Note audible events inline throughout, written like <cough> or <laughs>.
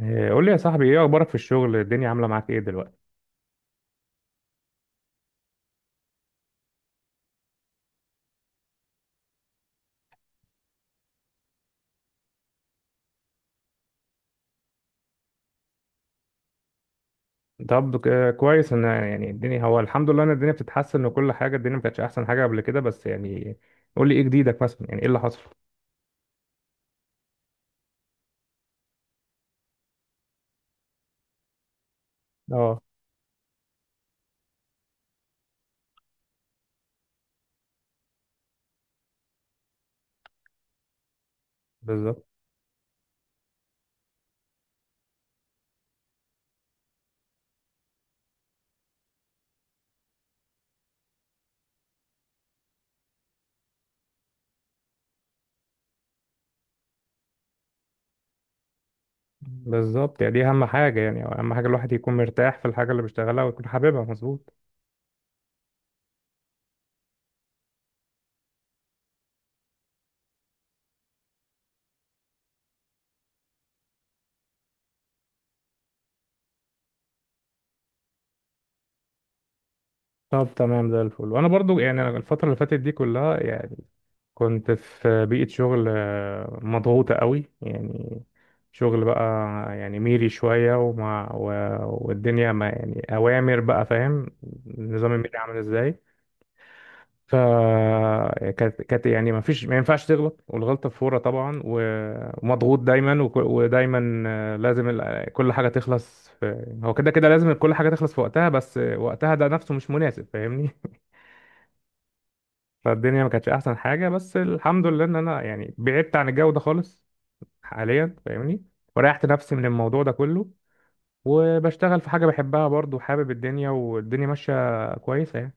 إيه، قول لي يا صاحبي، ايه اخبارك في الشغل؟ الدنيا عامله معاك ايه دلوقتي؟ طب كويس ان يعني الدنيا، هو الحمد لله ان الدنيا بتتحسن، وكل حاجه الدنيا ما كانتش احسن حاجه قبل كده بس، يعني. قول لي ايه جديدك مثلا، يعني ايه اللي حصل؟ اه. بالظبط. بالظبط، يعني دي اهم حاجه. يعني اهم حاجه الواحد يكون مرتاح في الحاجه اللي بيشتغلها، ويكون حاببها مظبوط. طب تمام، زي الفل. وانا برضو، يعني أنا الفتره اللي فاتت دي كلها، يعني كنت في بيئة شغل مضغوطة قوي، يعني. شغل بقى يعني ميري شوية، والدنيا ما يعني أوامر بقى. فاهم نظام الميري عامل ازاي؟ ف كانت يعني ما فيش، ما ينفعش تغلط، والغلطة فورة طبعا، ومضغوط دايما، ودايما لازم كل حاجة تخلص هو كده كده لازم كل حاجة تخلص في وقتها، بس وقتها ده نفسه مش مناسب، فاهمني. <laughs> فالدنيا ما كانتش أحسن حاجة، بس الحمد لله إن أنا يعني بعدت عن الجو ده خالص حاليا، فاهمني. وريحت نفسي من الموضوع ده كله، وبشتغل في حاجة بحبها، برضو حابب الدنيا، والدنيا ماشية كويسة، يعني.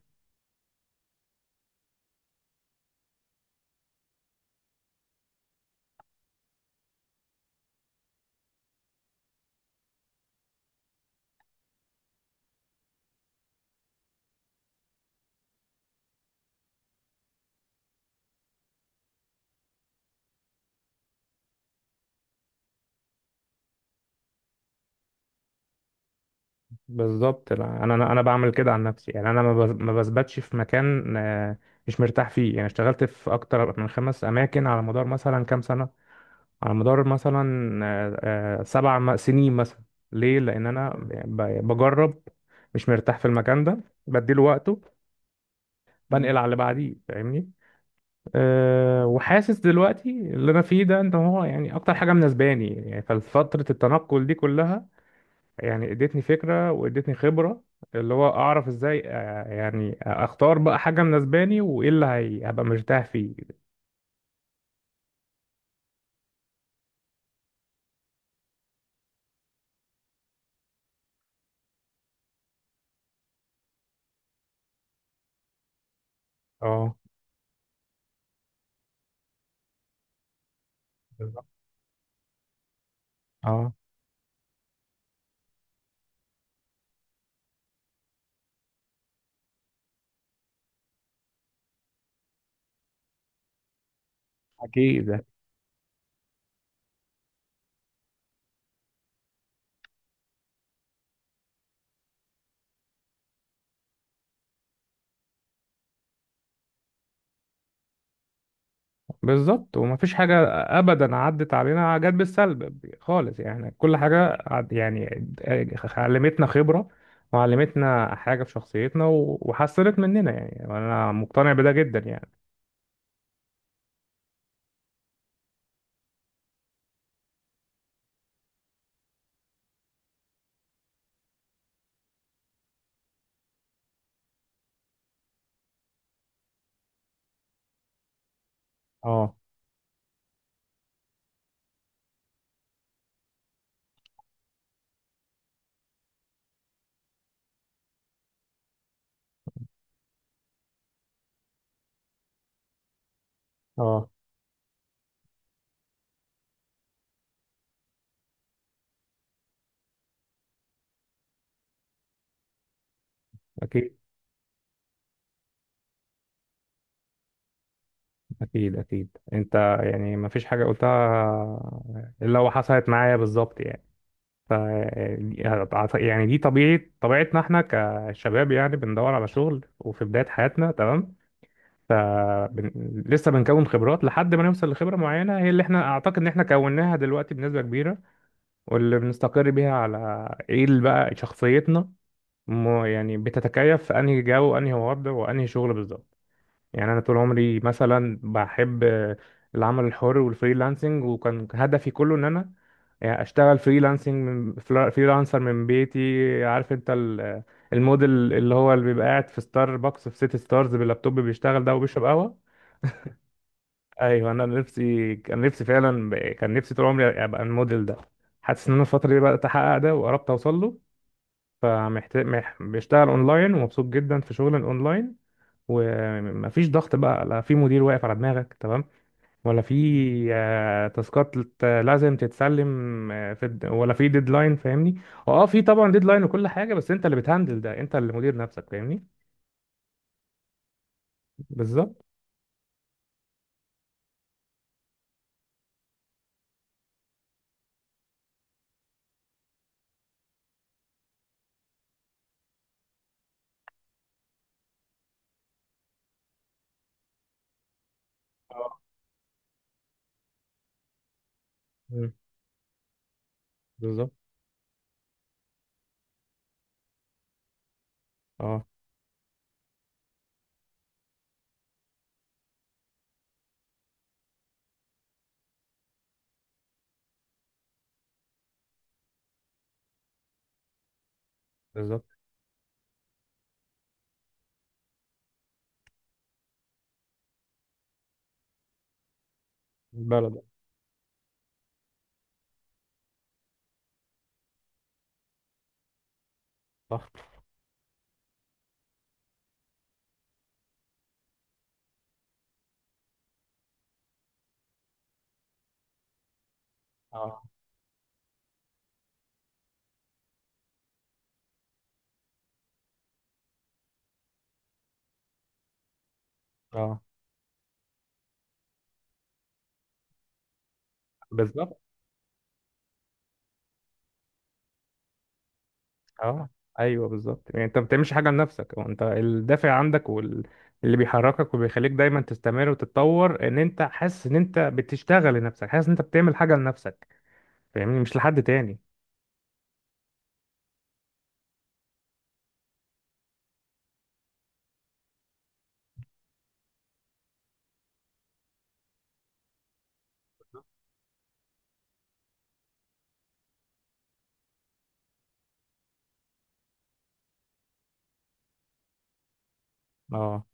بالظبط. لا، انا بعمل كده عن نفسي، يعني انا ما بثبتش في مكان مش مرتاح فيه، يعني اشتغلت في اكتر من خمس اماكن على مدار مثلا كام سنة. على مدار مثلا آه، سبع سنين مثلا. ليه؟ لان انا بجرب. مش مرتاح في المكان ده، بديله وقته، بنقل على اللي بعديه، فاهمني. أه، وحاسس دلوقتي اللي انا فيه ده ان هو يعني اكتر حاجه مناسباني، يعني ففتره التنقل دي كلها يعني ادتني فكره وادتني خبره، اللي هو اعرف ازاي يعني اختار بقى حاجه مناسباني، وايه اللي هبقى مرتاح فيه. اه، بالظبط. اه، اكيد. بالظبط، ومفيش حاجة أبدا عدت علينا جت بالسلب خالص، يعني كل حاجة يعني علمتنا خبرة، وعلمتنا حاجة في شخصيتنا، وحسنت مننا، يعني. وأنا مقتنع بده جدا، يعني. اه اه، أكيد أكيد أكيد. أنت يعني مفيش حاجة قلتها إلا وحصلت معايا بالظبط، يعني. ف يعني دي طبيعة طبيعتنا، احنا كشباب، يعني بندور على شغل وفي بداية حياتنا، تمام. فبن... لسه بنكون خبرات لحد ما نوصل لخبرة معينة، هي اللي احنا اعتقد ان احنا كوناها دلوقتي بنسبة كبيرة، واللي بنستقر بيها على ايه اللي بقى شخصيتنا، يعني بتتكيف في انهي جو وانهي وضع وانهي شغل، بالظبط. يعني انا طول عمري مثلا بحب العمل الحر والفريلانسنج، وكان هدفي كله ان انا يعني اشتغل فريلانسنج فريلانسر من بيتي. عارف انت الموديل اللي هو اللي بيبقى قاعد في ستاربكس في سيتي ستارز باللابتوب بيشتغل ده وبيشرب قهوة. ايوه، انا نفسي كان نفسي فعلا، كان نفسي طول عمري ابقى الموديل ده. حاسس ان انا الفتره دي بدات احقق ده وقربت اوصل له. بشتغل اونلاين، ومبسوط جدا في شغل الاونلاين. ومفيش ضغط بقى، لا في مدير واقف على دماغك، تمام، ولا في تاسكات لازم تتسلم ولا في ديدلاين، فاهمني. اه، في طبعا ديدلاين وكل حاجه، بس انت اللي بتهندل ده، انت اللي مدير نفسك، فاهمني. بالظبط. اه. مم. بالظبط. اه. بالظبط. بلد. صح. اه اه. بالظبط. اه. ايوه بالظبط، يعني انت ما بتعملش حاجه لنفسك، هو انت الدافع عندك، واللي بيحركك وبيخليك دايما تستمر وتتطور ان انت حاسس ان انت بتشتغل لنفسك، حاسس ان انت بتعمل حاجه لنفسك، فاهمني، مش لحد تاني. اه،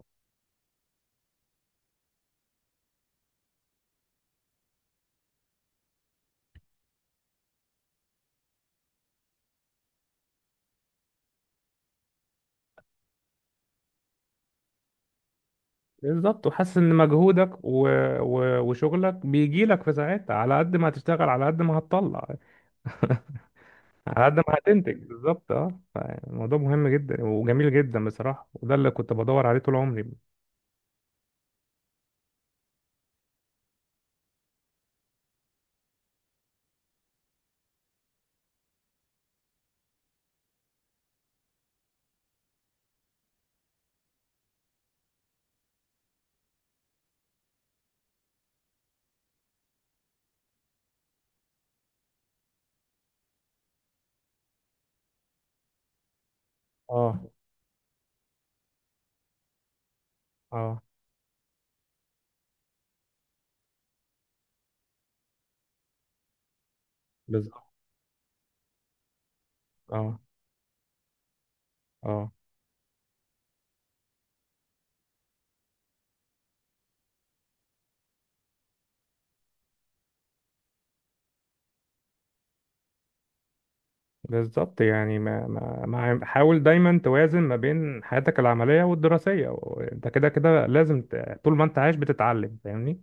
بالظبط، وحاسس ان مجهودك وشغلك بيجي لك في ساعتها، على قد ما هتشتغل على قد ما هتطلع. <laughs> على قد ما هتنتج، بالظبط، اه. الموضوع مهم جدا وجميل جدا بصراحه، وده اللي كنت بدور عليه طول عمري. اه اه، بالظبط. اه اه، بالظبط، يعني ما حاول دايما توازن ما بين حياتك العملية والدراسية، وانت كده كده لازم طول ما انت عايش بتتعلم، فاهمني.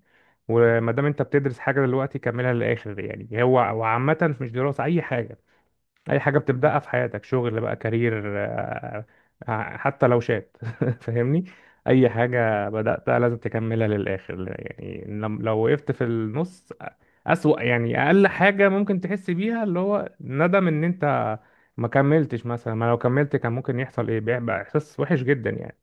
وما دام انت بتدرس حاجة دلوقتي كملها للآخر، يعني هو وعامة مش دراسة أي حاجة. اي حاجه بتبداها في حياتك، شغل بقى، كارير، حتى لو شات <laughs> فاهمني. اي حاجه بداتها لازم تكملها للاخر، يعني لو وقفت في النص اسوأ، يعني اقل حاجه ممكن تحس بيها اللي هو ندم ان انت ما كملتش مثلا، ما لو كملت كان ممكن يحصل ايه، بيبقى احساس وحش جدا، يعني.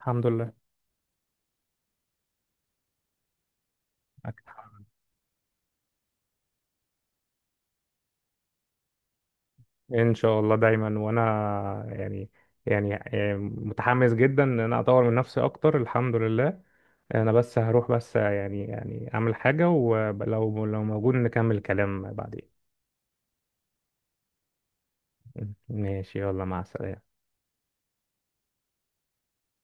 الحمد لله. ان شاء الله دايما. وانا يعني يعني متحمس جدا ان انا اطور من نفسي اكتر، الحمد لله. انا بس هروح، بس يعني اعمل حاجة، ولو موجود نكمل الكلام بعدين. ماشي، يلا، مع السلامة.